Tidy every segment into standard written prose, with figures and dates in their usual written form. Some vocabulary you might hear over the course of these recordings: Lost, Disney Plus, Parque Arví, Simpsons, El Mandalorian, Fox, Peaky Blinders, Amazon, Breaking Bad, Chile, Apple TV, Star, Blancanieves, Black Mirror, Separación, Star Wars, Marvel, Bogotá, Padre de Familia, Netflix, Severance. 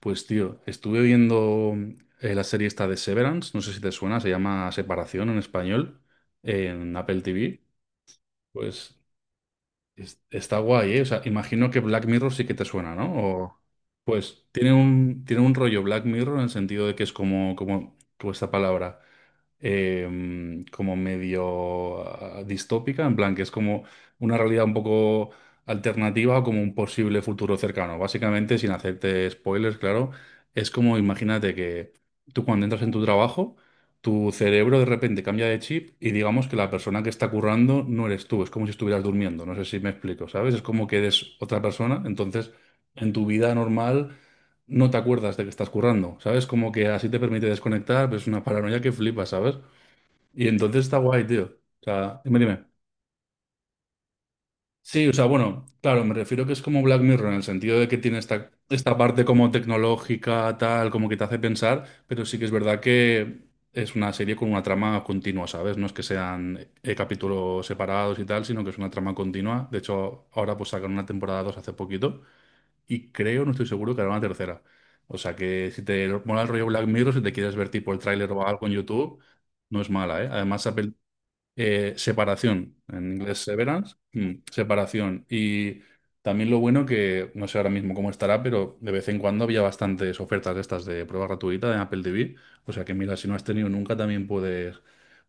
Pues tío, estuve viendo la serie esta de Severance, no sé si te suena, se llama Separación en español, en Apple TV. Pues está guay, ¿eh? O sea, imagino que Black Mirror sí que te suena, ¿no? Pues tiene un rollo Black Mirror en el sentido de que es como esta palabra, como medio distópica, en plan que es como una realidad un poco alternativa o como un posible futuro cercano. Básicamente, sin hacerte spoilers, claro, es como imagínate que tú cuando entras en tu trabajo tu cerebro de repente cambia de chip y digamos que la persona que está currando no eres tú, es como si estuvieras durmiendo, no sé si me explico, ¿sabes? Es como que eres otra persona, entonces en tu vida normal no te acuerdas de que estás currando, ¿sabes? Como que así te permite desconectar, pero es una paranoia que flipas, ¿sabes? Y entonces está guay, tío. O sea, dime, dime. Sí, o sea, bueno, claro, me refiero que es como Black Mirror en el sentido de que tiene esta parte como tecnológica, tal, como que te hace pensar, pero sí que es verdad que es una serie con una trama continua, ¿sabes? No es que sean capítulos separados y tal, sino que es una trama continua. De hecho, ahora pues sacan una temporada 2 hace poquito y creo, no estoy seguro, que hará una tercera. O sea que si te mola el rollo Black Mirror, si te quieres ver tipo el tráiler o algo en YouTube, no es mala, ¿eh? Además, separación, en inglés severance, separación. Y también lo bueno que, no sé ahora mismo cómo estará, pero de vez en cuando había bastantes ofertas de estas de prueba gratuita de Apple TV. O sea que mira, si no has tenido nunca, también puedes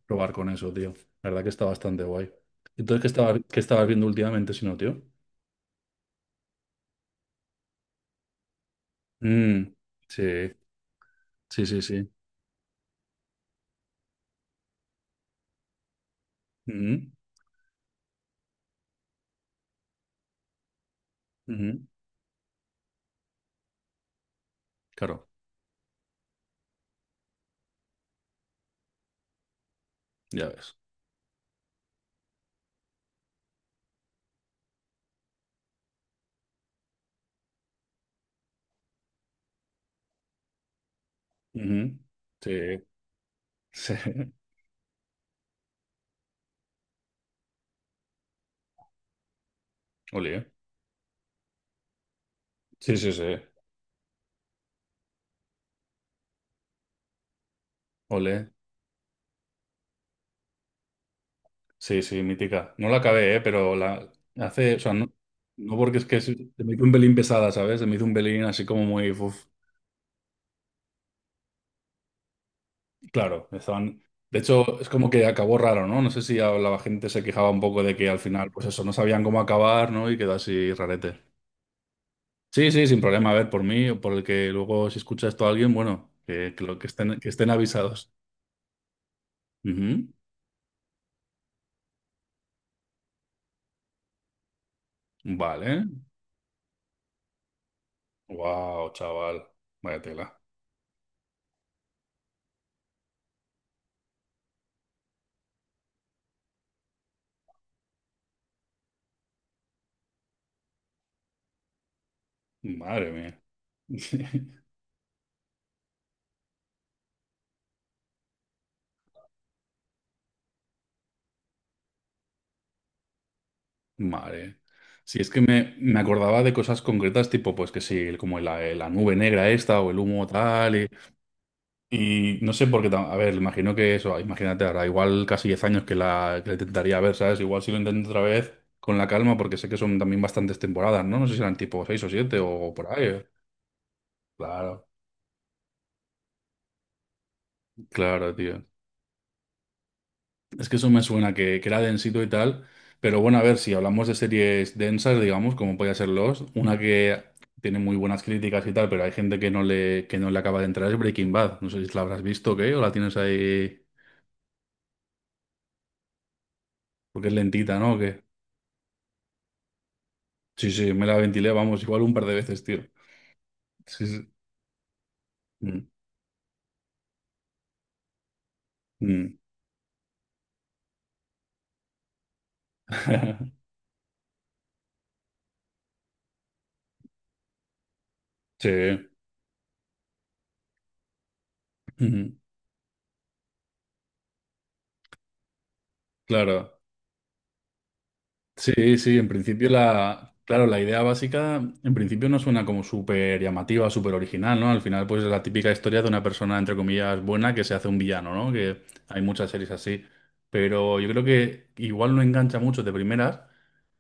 probar con eso, tío. La verdad que está bastante guay. Entonces, ¿qué estabas viendo últimamente, si no, tío? Mm, sí, sí, sí, sí. Mm, ujú. Claro, ya ves. Ujú. Sí, sí. Ole. Sí, sí, sí. Ole. Sí, sí, mítica. No la acabé, pero la hace, o sea, no, no porque es que se me hizo un pelín pesada, ¿sabes? Se me hizo un pelín así como muy, uf. Claro, estaban, de hecho, es como que acabó raro, ¿no? No sé si a la gente se quejaba un poco de que al final, pues eso, no sabían cómo acabar, ¿no? Y quedó así rarete. Sí, sí, sin problema. A ver, por mí o por el que luego si escucha esto a alguien, bueno, que, lo, que estén avisados. Ujú. Vale. Wow, chaval. Vaya tela. Madre mía. Vale. Si es que me acordaba de cosas concretas, tipo, pues que sí, como la nube negra esta o el humo tal. Y no sé por qué, a ver, imagino que eso, imagínate, ahora igual casi 10 años que que la intentaría ver, ¿sabes? Igual si lo intento otra vez con la calma, porque sé que son también bastantes temporadas, ¿no? No sé si eran tipo 6 o 7 o por ahí, ¿eh? Claro, claro, tío. Es que eso me suena, que era densito y tal. Pero bueno, a ver, si hablamos de series densas, digamos, como podía ser Lost, una que tiene muy buenas críticas y tal, pero hay gente que no le acaba de entrar, es Breaking Bad. No sé si la habrás visto o qué, o la tienes ahí porque es lentita, ¿no? ¿O qué? Sí, sí, me la ventilé, vamos, igual un par de veces, tío. Sí, sí. Mm, mm. Sí. Mm, claro. Sí, sí, en principio claro, la idea básica, en principio no suena como súper llamativa, súper original, ¿no? Al final, pues es la típica historia de una persona, entre comillas, buena que se hace un villano, ¿no? Que hay muchas series así. Pero yo creo que igual no engancha mucho de primeras,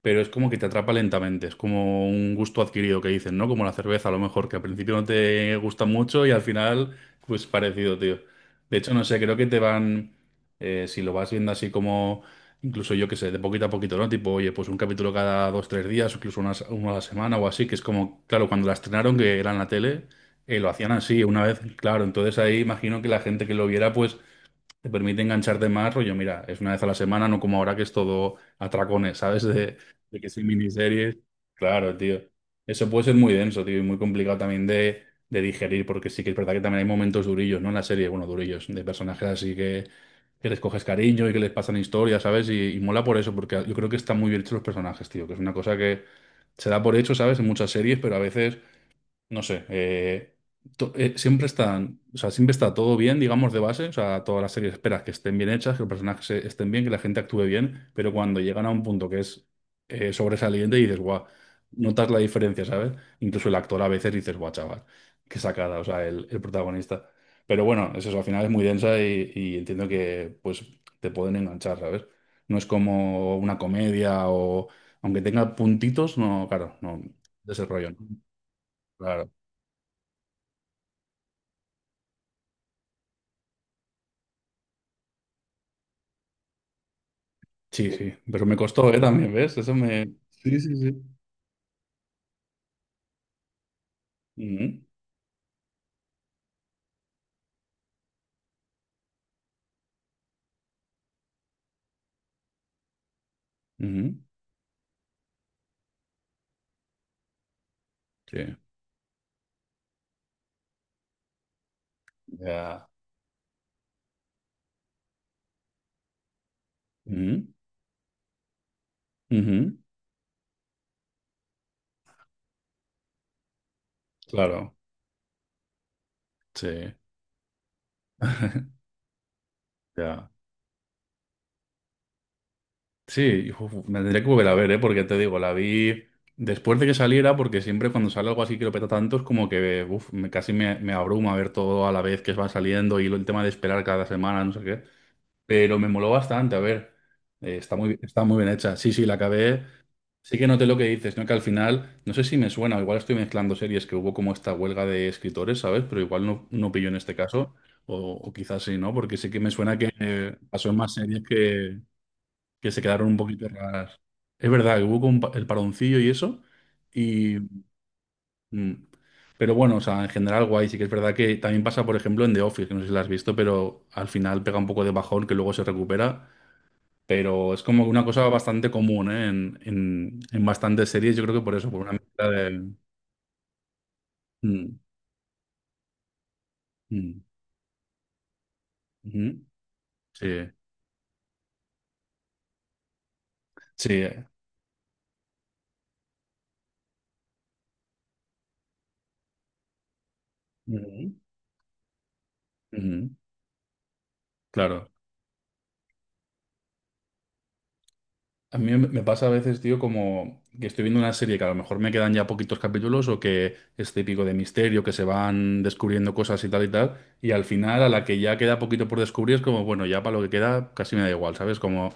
pero es como que te atrapa lentamente, es como un gusto adquirido que dicen, ¿no? Como la cerveza, a lo mejor, que al principio no te gusta mucho y al final, pues parecido, tío. De hecho, no sé, creo que te van, si lo vas viendo así como incluso yo que sé, de poquito a poquito, ¿no? Tipo, oye, pues un capítulo cada 2, 3 días, o incluso uno a la semana o así, que es como, claro, cuando la estrenaron, que era en la tele, lo hacían así una vez, claro, entonces ahí imagino que la gente que lo viera, pues te permite engancharte más, rollo, mira, es una vez a la semana, no como ahora que es todo atracones, ¿sabes? De que sin miniseries. Claro, tío. Eso puede ser muy denso, tío, y muy complicado también de digerir, porque sí que es verdad que también hay momentos durillos, ¿no? En la serie, bueno, durillos, de personajes así que les coges cariño y que les pasan historias, ¿sabes? Y mola por eso, porque yo creo que están muy bien hechos los personajes, tío, que es una cosa que se da por hecho, ¿sabes? En muchas series, pero a veces no sé, siempre están, o sea, siempre está todo bien, digamos, de base, o sea, todas las series esperas que estén bien hechas, que los personajes estén bien, que la gente actúe bien, pero cuando llegan a un punto que es sobresaliente y dices, guau, notas la diferencia, ¿sabes? Incluso el actor a veces dices, guau, chaval, qué sacada, o sea, el protagonista. Pero bueno, es eso, al final es muy densa y entiendo que, pues, te pueden enganchar, ¿sabes? No es como una comedia o, aunque tenga puntitos, no, claro, no, de ese rollo, ¿no? Claro. Sí, sí, pero me costó, ¿eh? También, ¿ves? Eso me. Sí, sí, sí. Ujú, ujú, sí, ya. Ujú, ujú, claro, sí. Ya. Sí, uf, me tendría que volver a ver, ¿eh? Porque te digo, la vi después de que saliera, porque siempre cuando sale algo así que lo peta tanto es como que, uf, casi me abruma ver todo a la vez que va saliendo y el tema de esperar cada semana, no sé qué. Pero me moló bastante, a ver. Está muy bien hecha. Sí, sí, la acabé. Sí que noté lo que dices, ¿no? Que al final, no sé si me suena, o igual estoy mezclando series que hubo como esta huelga de escritores, ¿sabes? Pero igual no, no pillo en este caso, o quizás sí, ¿no? Porque sí que me suena que pasó en más series que se quedaron un poquito raras. Es verdad, que hubo como un el paroncillo y eso, y, mm, pero bueno, o sea, en general guay, sí que es verdad que también pasa, por ejemplo, en The Office, que no sé si la has visto, pero al final pega un poco de bajón que luego se recupera pero es como una cosa bastante común, ¿eh? En bastantes series, yo creo que por eso, por una mezcla de. Mm, mm, ujú, sí, sí. Ujú, ujú, claro. A mí me pasa a veces, tío, como que estoy viendo una serie que a lo mejor me quedan ya poquitos capítulos o que es típico de misterio, que se van descubriendo cosas y tal y tal, y al final a la que ya queda poquito por descubrir es como, bueno, ya para lo que queda casi me da igual, ¿sabes? Como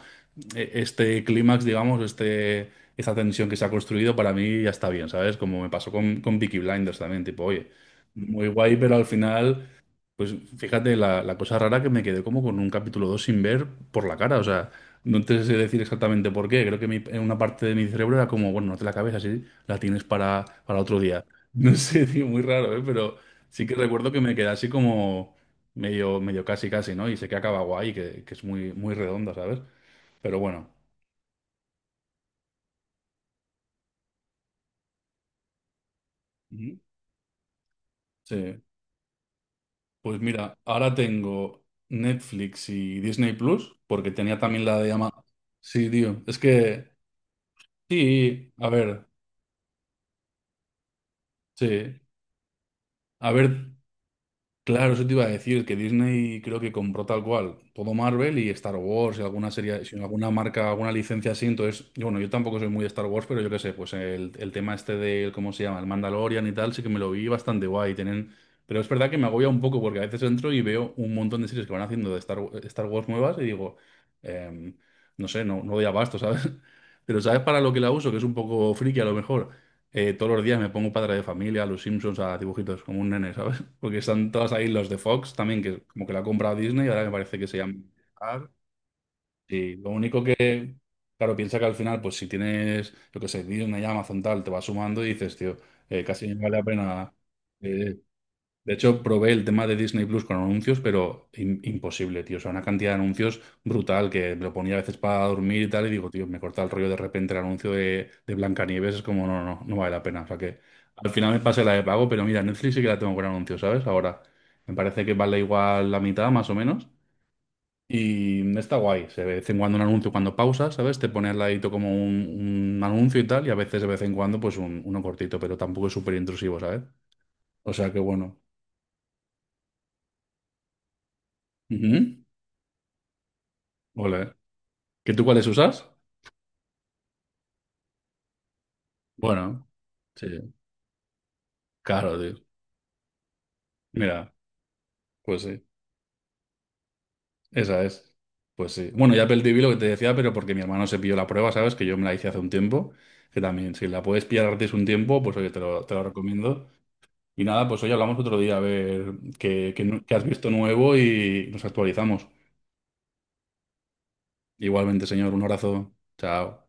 este clímax, digamos, esta tensión que se ha construido para mí ya está bien, ¿sabes? Como me pasó con Peaky Blinders también, tipo, oye, muy guay, pero al final. Pues fíjate la cosa rara que me quedé como con un capítulo 2 sin ver por la cara. O sea, no te sé decir exactamente por qué. Creo que en una parte de mi cerebro era como, bueno, no te la cabeza, sí, la tienes para, otro día. No sé, tío, muy raro, ¿eh? Pero sí que recuerdo que me quedé así como medio, medio casi, casi, ¿no? Y sé que acaba guay, que es muy, muy redonda, ¿sabes? Pero bueno. Ujú. Sí. Pues mira, ahora tengo Netflix y Disney Plus, porque tenía también la de Ama. Sí, tío. Es que, sí, a ver, sí. A ver. Claro, eso te iba a decir, que Disney creo que compró tal cual todo Marvel y Star Wars y alguna serie, si no, alguna marca, alguna licencia así, entonces, yo, bueno, yo tampoco soy muy de Star Wars, pero yo qué sé, pues el tema este del, ¿cómo se llama? El Mandalorian y tal, sí que me lo vi bastante guay, tienen. Pero es verdad que me agobia un poco porque a veces entro y veo un montón de series que van haciendo de Star Wars nuevas y digo, em, no sé, no, no doy abasto, ¿sabes? Pero ¿sabes para lo que la uso? Que es un poco friki a lo mejor. Todos los días me pongo Padre de Familia, a los Simpsons, a dibujitos, como un nene, ¿sabes? Porque están todas ahí los de Fox también, que como que la ha comprado Disney y ahora me parece que se llama. Star. Sí, lo único que, claro, piensa que al final, pues si tienes, yo qué sé, Disney, Amazon, tal, te va sumando y dices, tío, casi me vale la pena. eh, de hecho, probé el tema de Disney Plus con anuncios, pero imposible, tío. O sea, una cantidad de anuncios brutal que me lo ponía a veces para dormir y tal. Y digo, tío, me corta el rollo de repente el anuncio de Blancanieves. Es como, no, no, no vale la pena. O sea, que al final me pasé la de pago, pero mira, Netflix sí que la tengo con anuncios, ¿sabes? Ahora me parece que vale igual la mitad, más o menos. Y está guay. Se ve de vez en cuando un anuncio cuando pausas, ¿sabes? Te pone al ladito como un anuncio y tal. Y a veces de vez en cuando, pues uno cortito, pero tampoco es súper intrusivo, ¿sabes? O sea, que bueno. Ujú. Ole. ¿Que tú cuáles usas? Bueno, sí, claro, tío. Mira, pues sí, esa es. Pues sí. Bueno, ya Apple TV lo que te decía, pero porque mi hermano se pilló la prueba, ¿sabes? Que yo me la hice hace un tiempo. Que también, si la puedes pillar gratis un tiempo, pues oye, te lo recomiendo. Y nada, pues hoy hablamos otro día a ver qué has visto nuevo y nos actualizamos. Igualmente, señor, un abrazo. Chao.